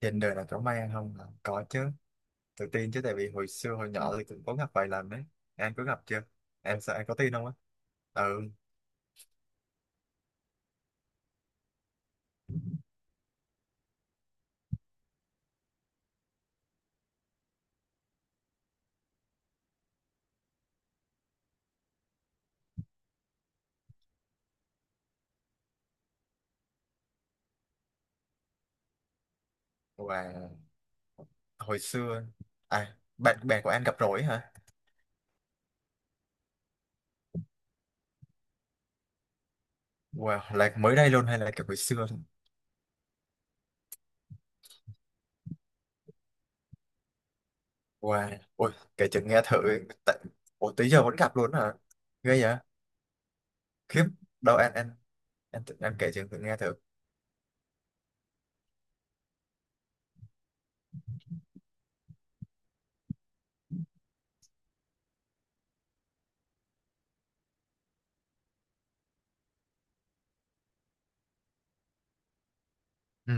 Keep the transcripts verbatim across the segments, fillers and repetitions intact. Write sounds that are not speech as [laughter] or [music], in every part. Trên đời nào có may ăn không hả? Có chứ, tự tin chứ, tại vì hồi xưa hồi nhỏ thì cũng có gặp vài lần đấy. Em có gặp chưa? Em sợ em có tin không á? Ừ. Và hồi xưa, à bạn bè của anh gặp rồi hả? Wow, là mới đây luôn hay là kiểu hồi xưa thôi? Wow, ôi kể chừng nghe thử. Tại, ủa tới giờ vẫn gặp luôn hả? Ghê vậy. Khiếp. Đâu anh anh anh tự- em kể chừng thử nghe thử. Ừ.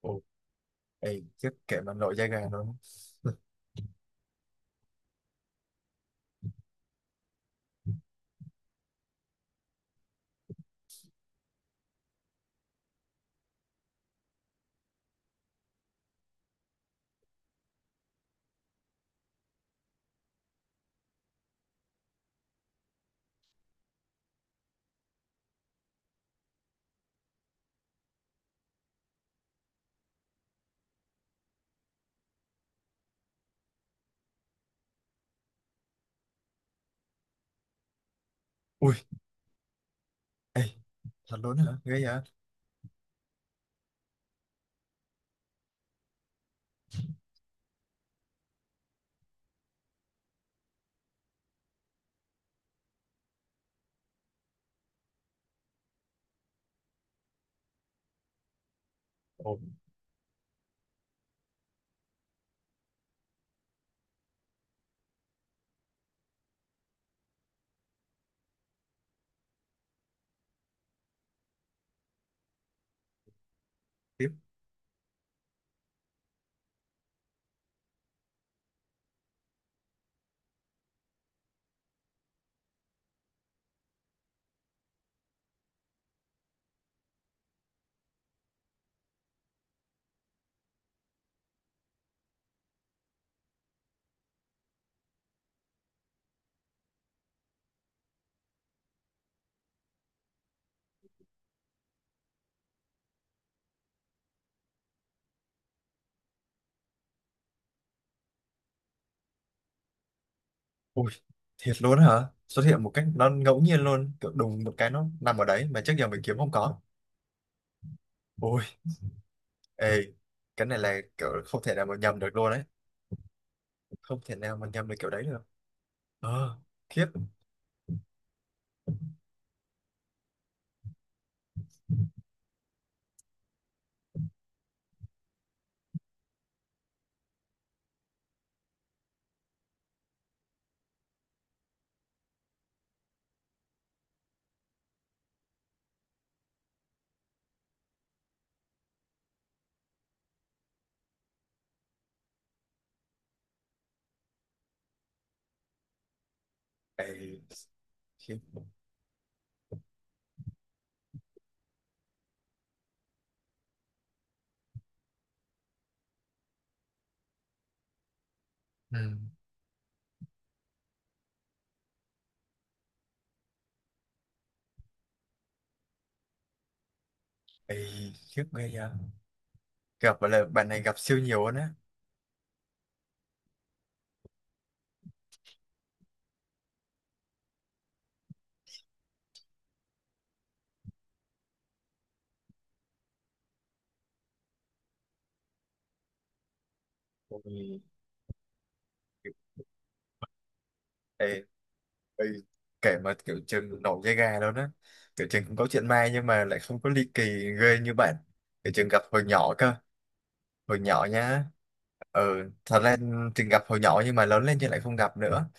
Ồ. Ê, khiếp, kể mà nổi da gà luôn. Ui. Ê, thật luôn hả? Ghê vậy. Ồ. Khiếp. Ui, thiệt luôn hả? Xuất hiện một cách nó ngẫu nhiên luôn, kiểu đùng một cái nó nằm ở đấy mà trước giờ mình kiếm không có. Ui. Ê, cái này là kiểu không thể nào mà nhầm được luôn đấy. Không thể nào mà nhầm được kiểu đấy được. Ờ, khiếp. Ê, khiếp. Ừ. Ê, khiếp ghê vậy. Gặp là bạn này gặp siêu nhiều luôn á. Ôi. Ê, ê, kể mà kiểu trường nổi da gà luôn á. Kiểu trường cũng có chuyện ma nhưng mà lại không có ly kỳ ghê như bạn. Kiểu trường gặp hồi nhỏ cơ. Hồi nhỏ nhá. Ừ, thật ra từng gặp hồi nhỏ nhưng mà lớn lên thì lại không gặp nữa.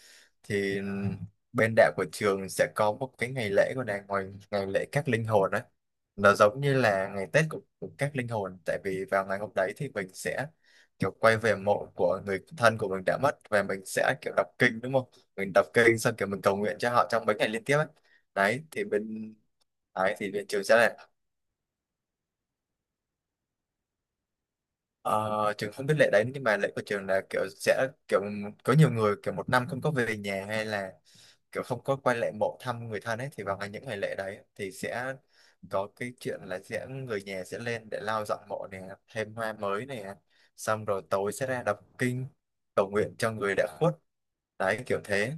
Thì bên đạo của trường sẽ có một cái ngày lễ của đàng ngoài, ngày lễ các linh hồn á, nó giống như là ngày Tết của, của các linh hồn, tại vì vào ngày hôm đấy thì mình sẽ kiểu quay về mộ của người thân của mình đã mất và mình sẽ kiểu đọc kinh đúng không, mình đọc kinh xong kiểu mình cầu nguyện cho họ trong mấy ngày liên tiếp ấy. Đấy thì bên, đấy thì bên trường sẽ, ờ trường không biết lễ đấy nhưng mà lễ của trường là kiểu sẽ kiểu có nhiều người kiểu một năm không có về nhà hay là kiểu không có quay lại mộ thăm người thân ấy, thì vào ngày những ngày lễ đấy thì sẽ có cái chuyện là sẽ người nhà sẽ lên để lau dọn mộ nè, thêm hoa mới nè, xong rồi tối sẽ ra đọc kinh cầu nguyện cho người đã khuất. Đấy, kiểu thế.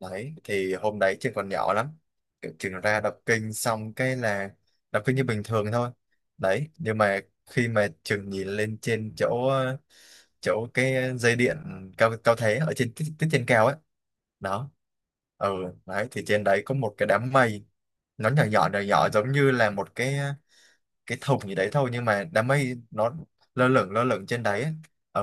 Đấy thì hôm đấy trường còn nhỏ lắm. Kiểu trường ra đọc kinh xong cái là đọc kinh như bình thường thôi. Đấy nhưng mà khi mà trường nhìn lên trên chỗ ờ, chỗ cái dây điện cao cao thế ở trên tiết tiết trên cao ấy. Đó. Ừ. Đấy thì trên đấy có một cái đám mây, nó nhỏ nhỏ nhỏ nhỏ giống như là một cái cái thùng gì đấy thôi nhưng mà đám mây nó lơ lửng lơ lửng trên đấy ấy. Ừ.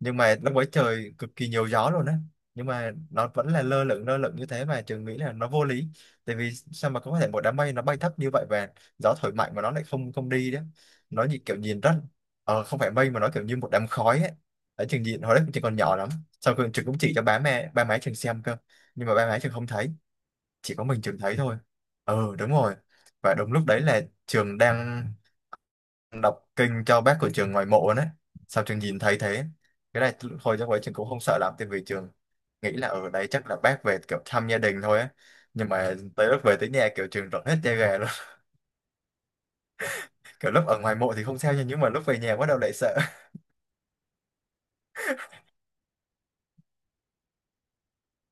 Nhưng mà lúc ấy trời cực kỳ nhiều gió luôn á, nhưng mà nó vẫn là lơ lửng lơ lửng như thế mà trường nghĩ là nó vô lý, tại vì sao mà có thể một đám mây nó bay thấp như vậy và gió thổi mạnh mà nó lại không không đi đấy. Nó như kiểu nhìn rất, ờ, không phải mây mà nó kiểu như một đám khói ấy. Ở trường nhìn hồi đấy trường còn nhỏ lắm, sau khi trường cũng chỉ cho ba mẹ, ba má trường xem cơ, nhưng mà ba má trường không thấy, chỉ có mình trường thấy thôi. Ừ đúng rồi. Và đúng lúc đấy là trường đang đọc kinh cho bác của trường ngoài mộ đấy, sao trường nhìn thấy thế. Cái này hồi chắc ấy trường cũng không sợ lắm, tại vì trường nghĩ là ở đấy chắc là bác về kiểu thăm gia đình thôi á, nhưng mà tới lúc về tới nhà kiểu trường rợn hết da gà luôn. [laughs] Kiểu lúc ở ngoài mộ thì không sao nha nhưng mà lúc về nhà bắt đầu lại sợ.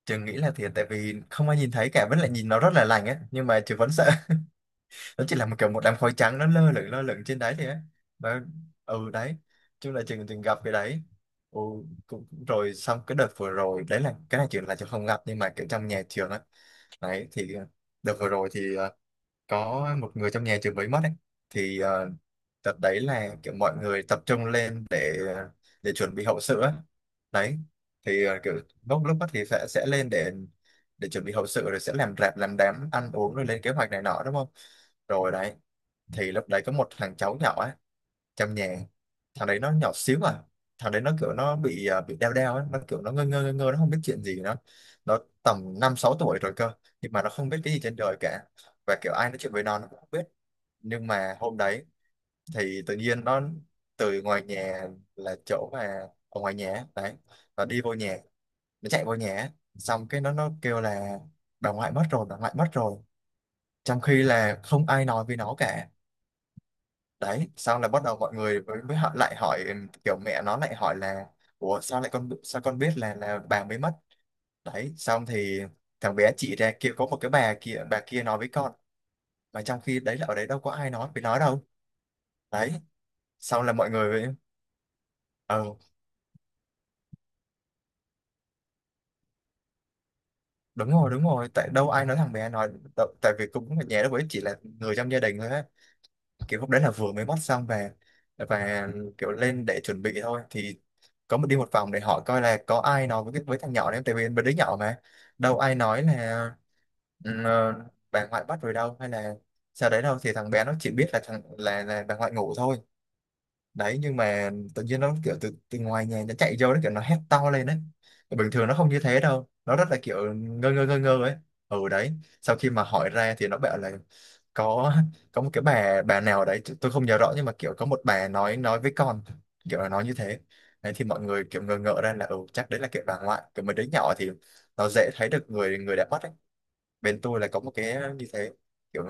Trường nghĩ là thiệt, tại vì không ai nhìn thấy cả vẫn lại nhìn nó rất là lành á, nhưng mà trường vẫn sợ. Nó chỉ là một kiểu một đám khói trắng nó lơ lửng lơ lửng trên đấy thì ấy. Nó, ừ đấy, chung là trường từng gặp cái đấy. Ừ, cũng rồi, xong cái đợt vừa rồi đấy là cái này trường là trường không gặp nhưng mà kiểu trong nhà trường á. Đấy thì ờ, đợt vừa rồi thì ờ, có một người trong nhà trường mới mất ấy, thì ờ, đợt đấy là kiểu mọi người tập trung lên để ờ, để chuẩn bị hậu sự á. Đấy thì ờ, kiểu lúc lúc đó thì sẽ sẽ lên để để chuẩn bị hậu sự rồi sẽ làm rạp làm đám ăn uống rồi lên kế hoạch này nọ đúng không. Rồi đấy thì lúc đấy có một thằng cháu nhỏ á, trong nhà. Thằng đấy nó nhỏ xíu à. Thằng đấy nó kiểu nó bị à, bị đeo đeo ấy, nó kiểu nó ngơ ngơ ngơ ngơ, nó không biết chuyện gì nó. Nó tầm năm sáu tuổi rồi cơ, nhưng mà nó không biết cái gì trên đời cả, và kiểu ai nói chuyện với nó nó cũng không biết. Nhưng mà hôm đấy thì tự nhiên nó từ ngoài nhà, là chỗ mà ở ngoài nhà á, đấy, nó đi vô nhà, nó chạy vô nhà á, xong cái nó nó kêu là bà ngoại mất rồi bà ngoại mất rồi, trong khi là không ai nói với nó cả. Đấy sau là bắt đầu mọi người mới, mới họ lại hỏi, ừ kiểu mẹ nó lại hỏi là ủa sao lại con, sao con biết là là bà mới mất. Đấy xong thì thằng bé chỉ ra kia có một cái bà kia, bà kia nói với con, mà trong khi đấy là ở đấy đâu có ai nói với nó đâu. Đấy sau là mọi người mới, ờ đúng rồi đúng rồi, tại đâu ai nói, thằng bé nói đâu, tại vì cũng ở nhà lúc ấy chỉ là người trong gia đình thôi á. Kiểu lúc đấy là vừa mới mót xong về, và kiểu lên để chuẩn bị thôi, thì có một đi một vòng để hỏi coi là có ai nói với cái- với thằng nhỏ đấy, tại vì bên đứa nhỏ mà. Đâu ai nói là, ừ, ờ, bà ngoại bắt rồi đâu, hay là sau đấy đâu, thì thằng bé nó chỉ biết là thằng là, là bà ngoại ngủ thôi. Đấy nhưng mà tự nhiên nó kiểu từ từ ngoài nhà nó chạy vô, nó kiểu nó hét to lên đấy, bình thường nó không như thế đâu, nó rất là kiểu ngơ ngơ ngơ ngơ ấy. Ừ đấy, sau khi mà hỏi ra thì nó bảo là có có một cái bà bà nào đấy t- tôi không nhớ rõ, nhưng mà kiểu có một bà nói nói với con, kiểu là nói như thế. Đấy thì mọi người kiểu ngờ ngợ ra là ừ chắc đấy là kiểu bà ngoại, kiểu mấy đứa nhỏ thì nó dễ thấy được người người đã mất ấy. Bên tôi là có một cái như thế, kiểu.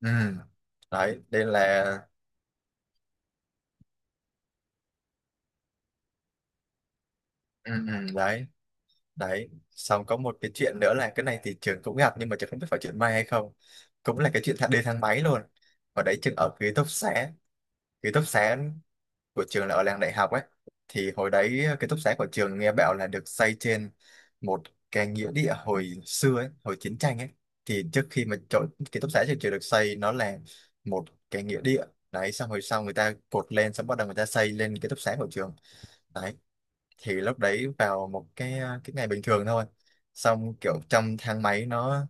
Ừ đấy, đây là. Ừ, ừ, đấy. Đấy xong có một cái chuyện nữa là cái này thì trường cũng gặp nhưng mà trường không biết phải chuyện may hay không, cũng là cái chuyện thang- đi thang máy luôn. Và đấy trường ở ký túc xá, ký túc xá của trường là ở làng đại học ấy. Thì hồi đấy ký túc xá của trường nghe bảo là được xây trên một cái nghĩa địa hồi xưa ấy, hồi chiến tranh ấy. Thì trước khi mà chỗ ký túc xá trường trường được xây nó là một cái nghĩa địa. Đấy xong rồi sau người ta cột lên xong bắt đầu người ta xây lên ký túc xá của trường. Đấy thì lúc đấy vào một cái cái ngày bình thường thôi, xong kiểu trong thang máy nó,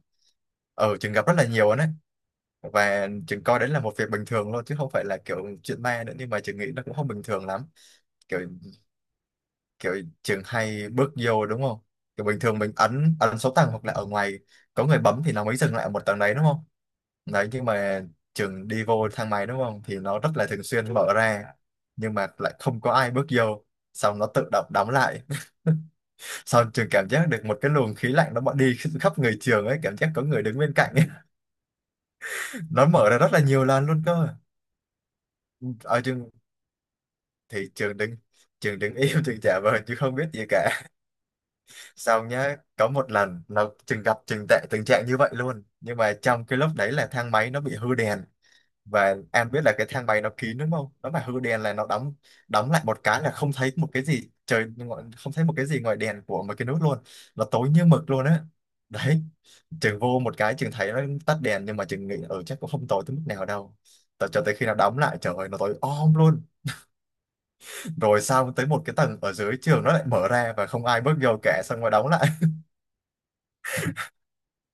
ở trường gặp rất là nhiều đấy, và trường coi đấy là một việc bình thường luôn chứ không phải là kiểu chuyện ma nữa, nhưng mà trường nghĩ nó cũng không bình thường lắm. Kiểu, kiểu trường hay bước vô đúng không, kiểu bình thường mình ấn ấn số tầng hoặc là ở ngoài có người bấm thì nó mới dừng lại ở một tầng đấy đúng không. Đấy nhưng mà trường đi vô thang máy đúng không thì nó rất là thường xuyên mở ra nhưng mà lại không có ai bước vô, xong nó tự động đóng lại. [laughs] Xong trường cảm giác được một cái luồng khí lạnh nó bọn đi [laughs] khắp người trường ấy, cảm giác có người đứng bên cạnh ấy. [laughs] Nó mở ra rất là nhiều lần luôn cơ. Ở trường thì trường đứng, trường đứng im [laughs] trường trả vờ chứ không biết gì cả. Xong nhá, có một lần nó trường gặp trường tệ tình trạng như vậy luôn. Nhưng mà trong cái lúc đấy là thang máy nó bị hư đèn, và em biết là cái thang máy nó kín đúng không, nó mà hư đèn là nó đóng, đóng lại một cái là không thấy một cái gì, trời ngo- không thấy một cái gì ngoài đèn của một cái nút luôn, nó tối như mực luôn á. Đấy trường vô một cái trường thấy nó tắt đèn, nhưng mà trường nghĩ ở chắc cũng không tối tới mức nào đâu. Tại cho tới khi nào đóng lại, trời ơi nó tối om luôn. Rồi sau tới một cái tầng ở dưới trường nó lại mở ra và không ai bước vô cả, xong rồi đóng lại.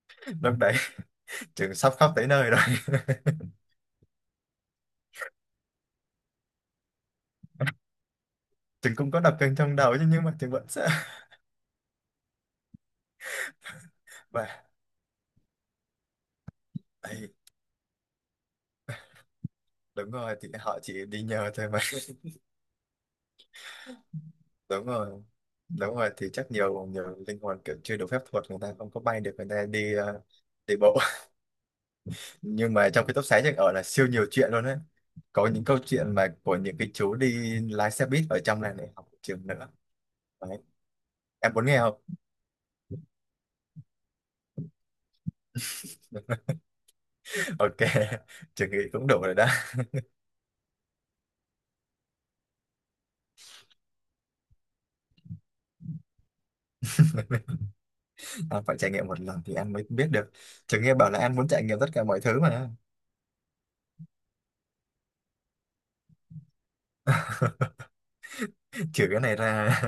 [laughs] Lúc đấy trường sắp khóc tới nơi rồi. [laughs] Trường cũng có đập chân trong đầu chứ, nhưng mà trường vẫn sợ. Và ấy, đúng rồi, thì họ chỉ đi nhờ thôi mà. Đúng rồi, đúng rồi, thì chắc nhiều nhiều linh hồn kiểu chưa đủ phép thuật, người ta không có bay được, người ta đi ờ, đi bộ. [laughs] Nhưng mà trong cái tốc xá Trạch ở là siêu nhiều chuyện luôn đấy. Có những câu chuyện mà của những cái chú đi lái xe buýt ở trong này, này học trường nữa. Đấy, em muốn nghe không? [laughs] Ok, trường nghĩ cũng đủ rồi đó. [laughs] Anh phải trải nghiệm một lần thì anh mới biết được. Trường nghe bảo là anh muốn trải nghiệm tất cả mọi thứ mà. [laughs] Trừ cái này ra.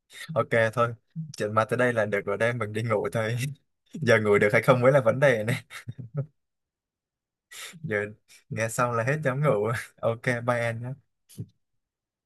[laughs] Ok thôi, chuyện ma tới đây là được rồi đây, mình đi ngủ thôi. [laughs] Giờ ngủ được hay không mới là vấn đề. Giờ nghe xong là hết dám ngủ. [laughs] Ok bye em nhé.